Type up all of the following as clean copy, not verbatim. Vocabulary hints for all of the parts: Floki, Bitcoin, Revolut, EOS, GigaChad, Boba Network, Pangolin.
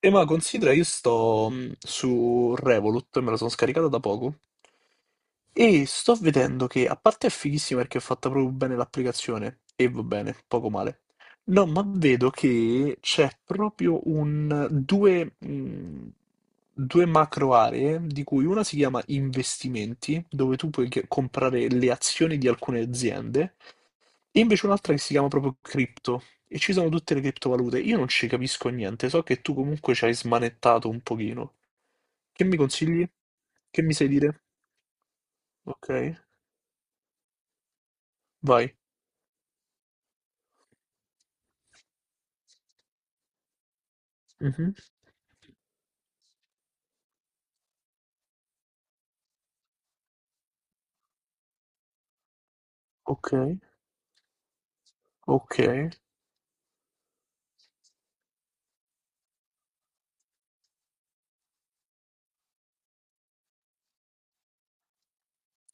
E ma considera, io sto su Revolut, me la sono scaricata da poco, e sto vedendo che, a parte è fighissima perché è fatta proprio bene l'applicazione, e va bene, poco male. No, ma vedo che c'è proprio due, due macro aree, di cui una si chiama investimenti, dove tu puoi comprare le azioni di alcune aziende, e invece un'altra che si chiama proprio cripto e ci sono tutte le criptovalute. Io non ci capisco niente, so che tu comunque ci hai smanettato un pochino. Che mi consigli? Che mi sai dire? Ok, vai. Mhm. Ok, ok,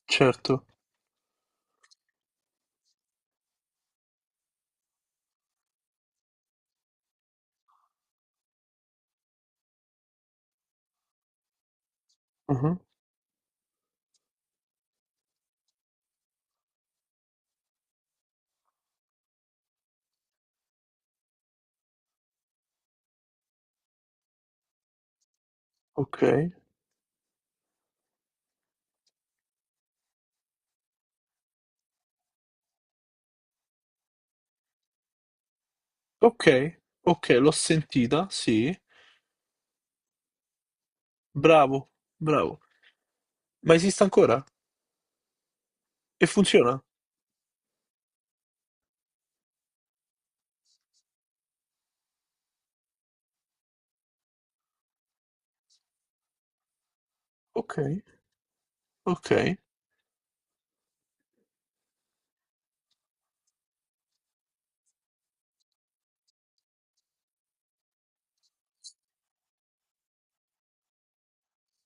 certo. Mhm. Ok, ok, ok, l'ho sentita, sì. Bravo, bravo. Ma esiste ancora? E funziona? Ok, ok,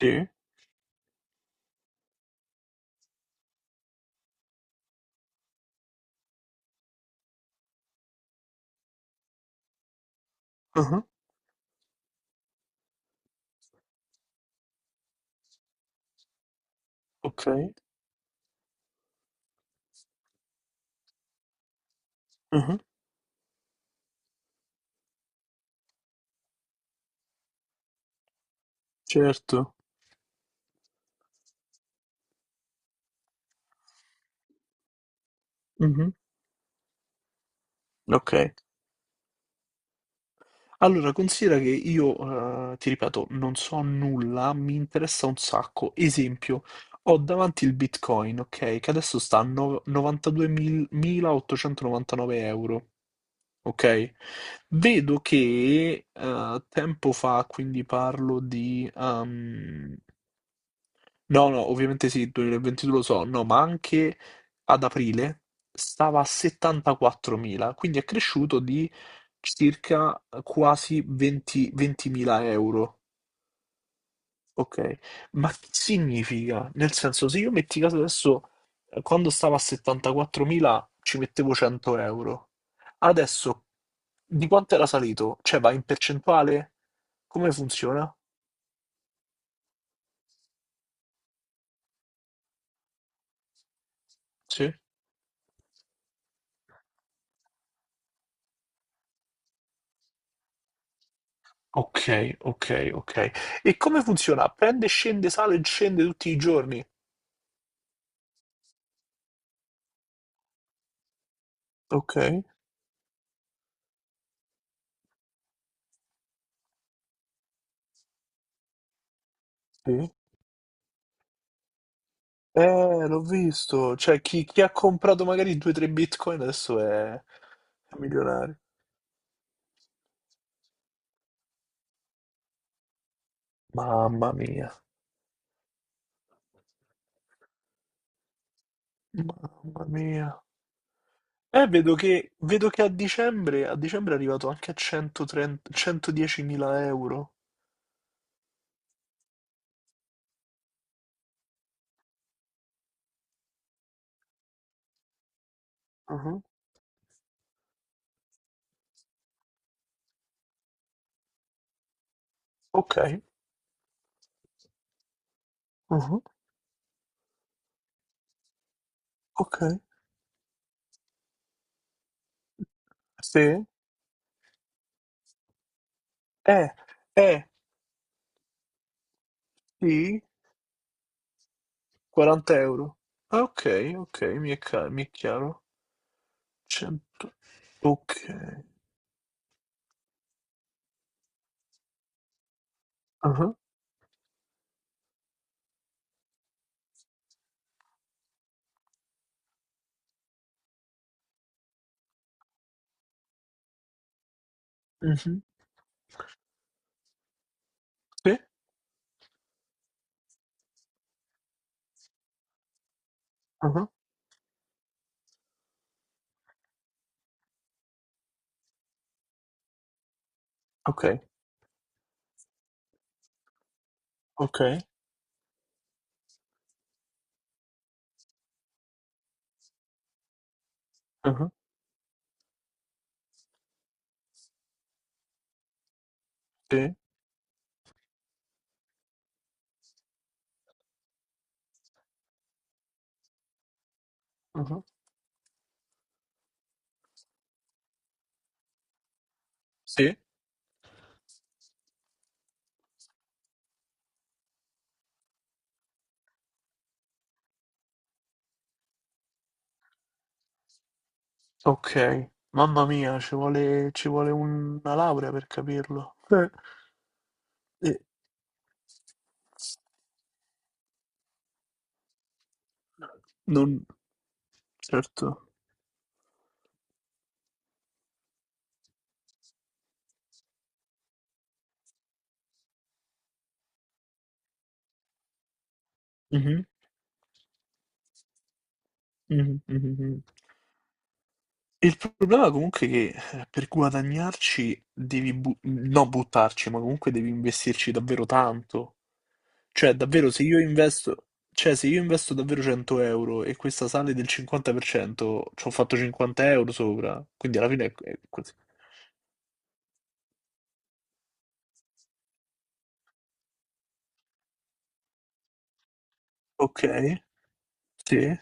sì. Mhm. Ok, mhm. Certo. Mhm. Ok, allora considera che io, ti ripeto, non so nulla, mi interessa un sacco. Esempio, ho davanti il Bitcoin, ok, che adesso sta a 92.899 euro, ok? Vedo che tempo fa, quindi parlo di No, no, ovviamente sì, il 2022 lo so, no, ma anche ad aprile stava a 74.000, quindi è cresciuto di circa quasi 20 20.000 euro, ok? Ma che significa? Nel senso, se io metti caso adesso, quando stava a 74.000 ci mettevo 100 euro, adesso di quanto era salito? Cioè va in percentuale? Come funziona? Sì? Ok, ok, ok. E come funziona? Prende, scende, sale e scende tutti i giorni? Ok, sì. L'ho visto. Cioè, chi ha comprato magari 2-3 bitcoin adesso è milionario. Mamma mia, mamma mia. Vedo vedo che a a dicembre è arrivato anche a 130, 110.000 euro. Mhm. Ok, mhm, ok. Sì, Eh, eh, sì, 40 euro. Ah, ok, ok, mi è chiaro. 100, ok. Ah, mhm, sì, ah, ok, ok, ah, sì, ah, sì, ok. Mamma mia, ci vuole una laurea per capirlo. Eh, non, certo. Mhm, mhm, mhm, mhm. Il problema comunque è che per guadagnarci devi non buttarci, ma comunque devi investirci davvero tanto. Cioè, davvero, se io investo, cioè, se io investo davvero 100 euro e questa sale del 50%, ci ho fatto 50 euro sopra, quindi alla fine è così. Ok, sì.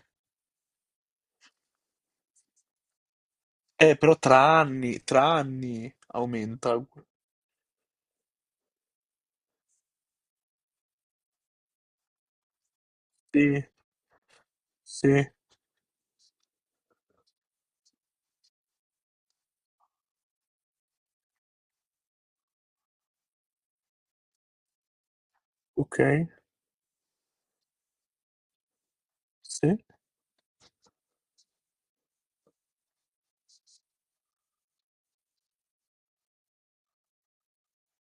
Tra anni aumenta. Sì, sì, ok, sì.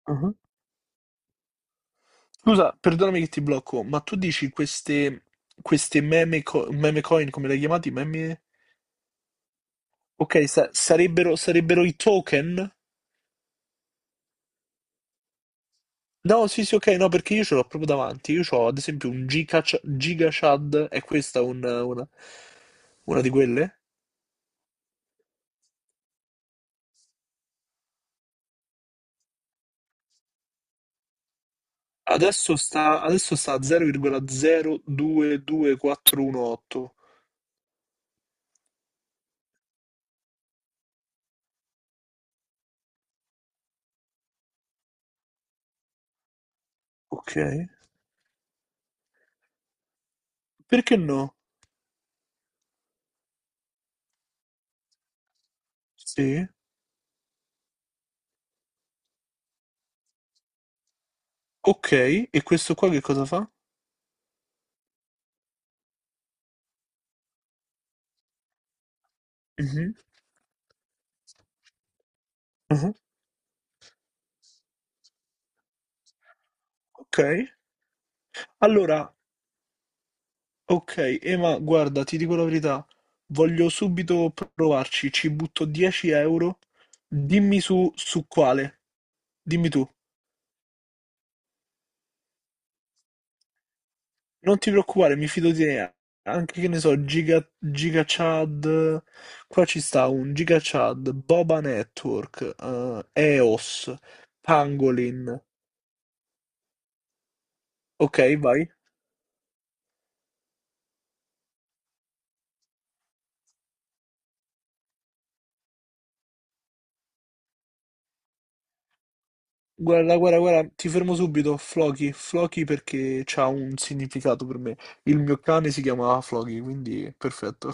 Mhm. Scusa, perdonami che ti blocco, ma queste meme coin, come le hai chiamate? Meme... Ok, sarebbero i token? No, sì, sì, ok, no, perché io ce l'ho proprio davanti. Io ho ad esempio un GigaChad, è questa una di quelle? Adesso sta a 0,022418. Ok. Perché no? Sì. Ok, e questo qua che cosa fa? Mhm, mhm, ok. Allora, ok, Ema, guarda, ti dico la verità. Voglio subito provarci, ci butto 10 euro. Dimmi su quale. Dimmi tu. Non ti preoccupare, mi fido di te. Anche che ne so, Giga Chad. Qua ci sta un Giga Chad, Boba Network, EOS, Pangolin. Ok, vai. Guarda, guarda, guarda, ti fermo subito. Floki, Floki perché c'ha un significato per me. Il mio cane si chiama Floki, quindi perfetto.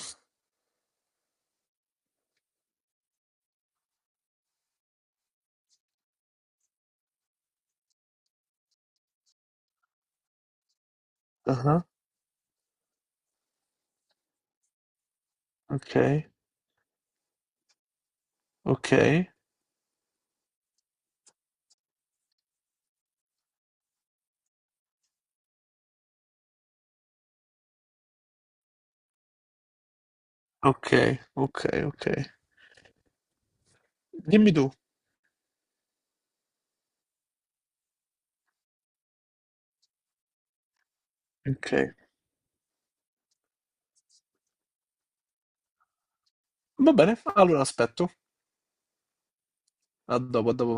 Ah, ok, ok, ok, ok, ok. Dimmi tu. Ok. Va bene, allora aspetto. A dopo, a dopo.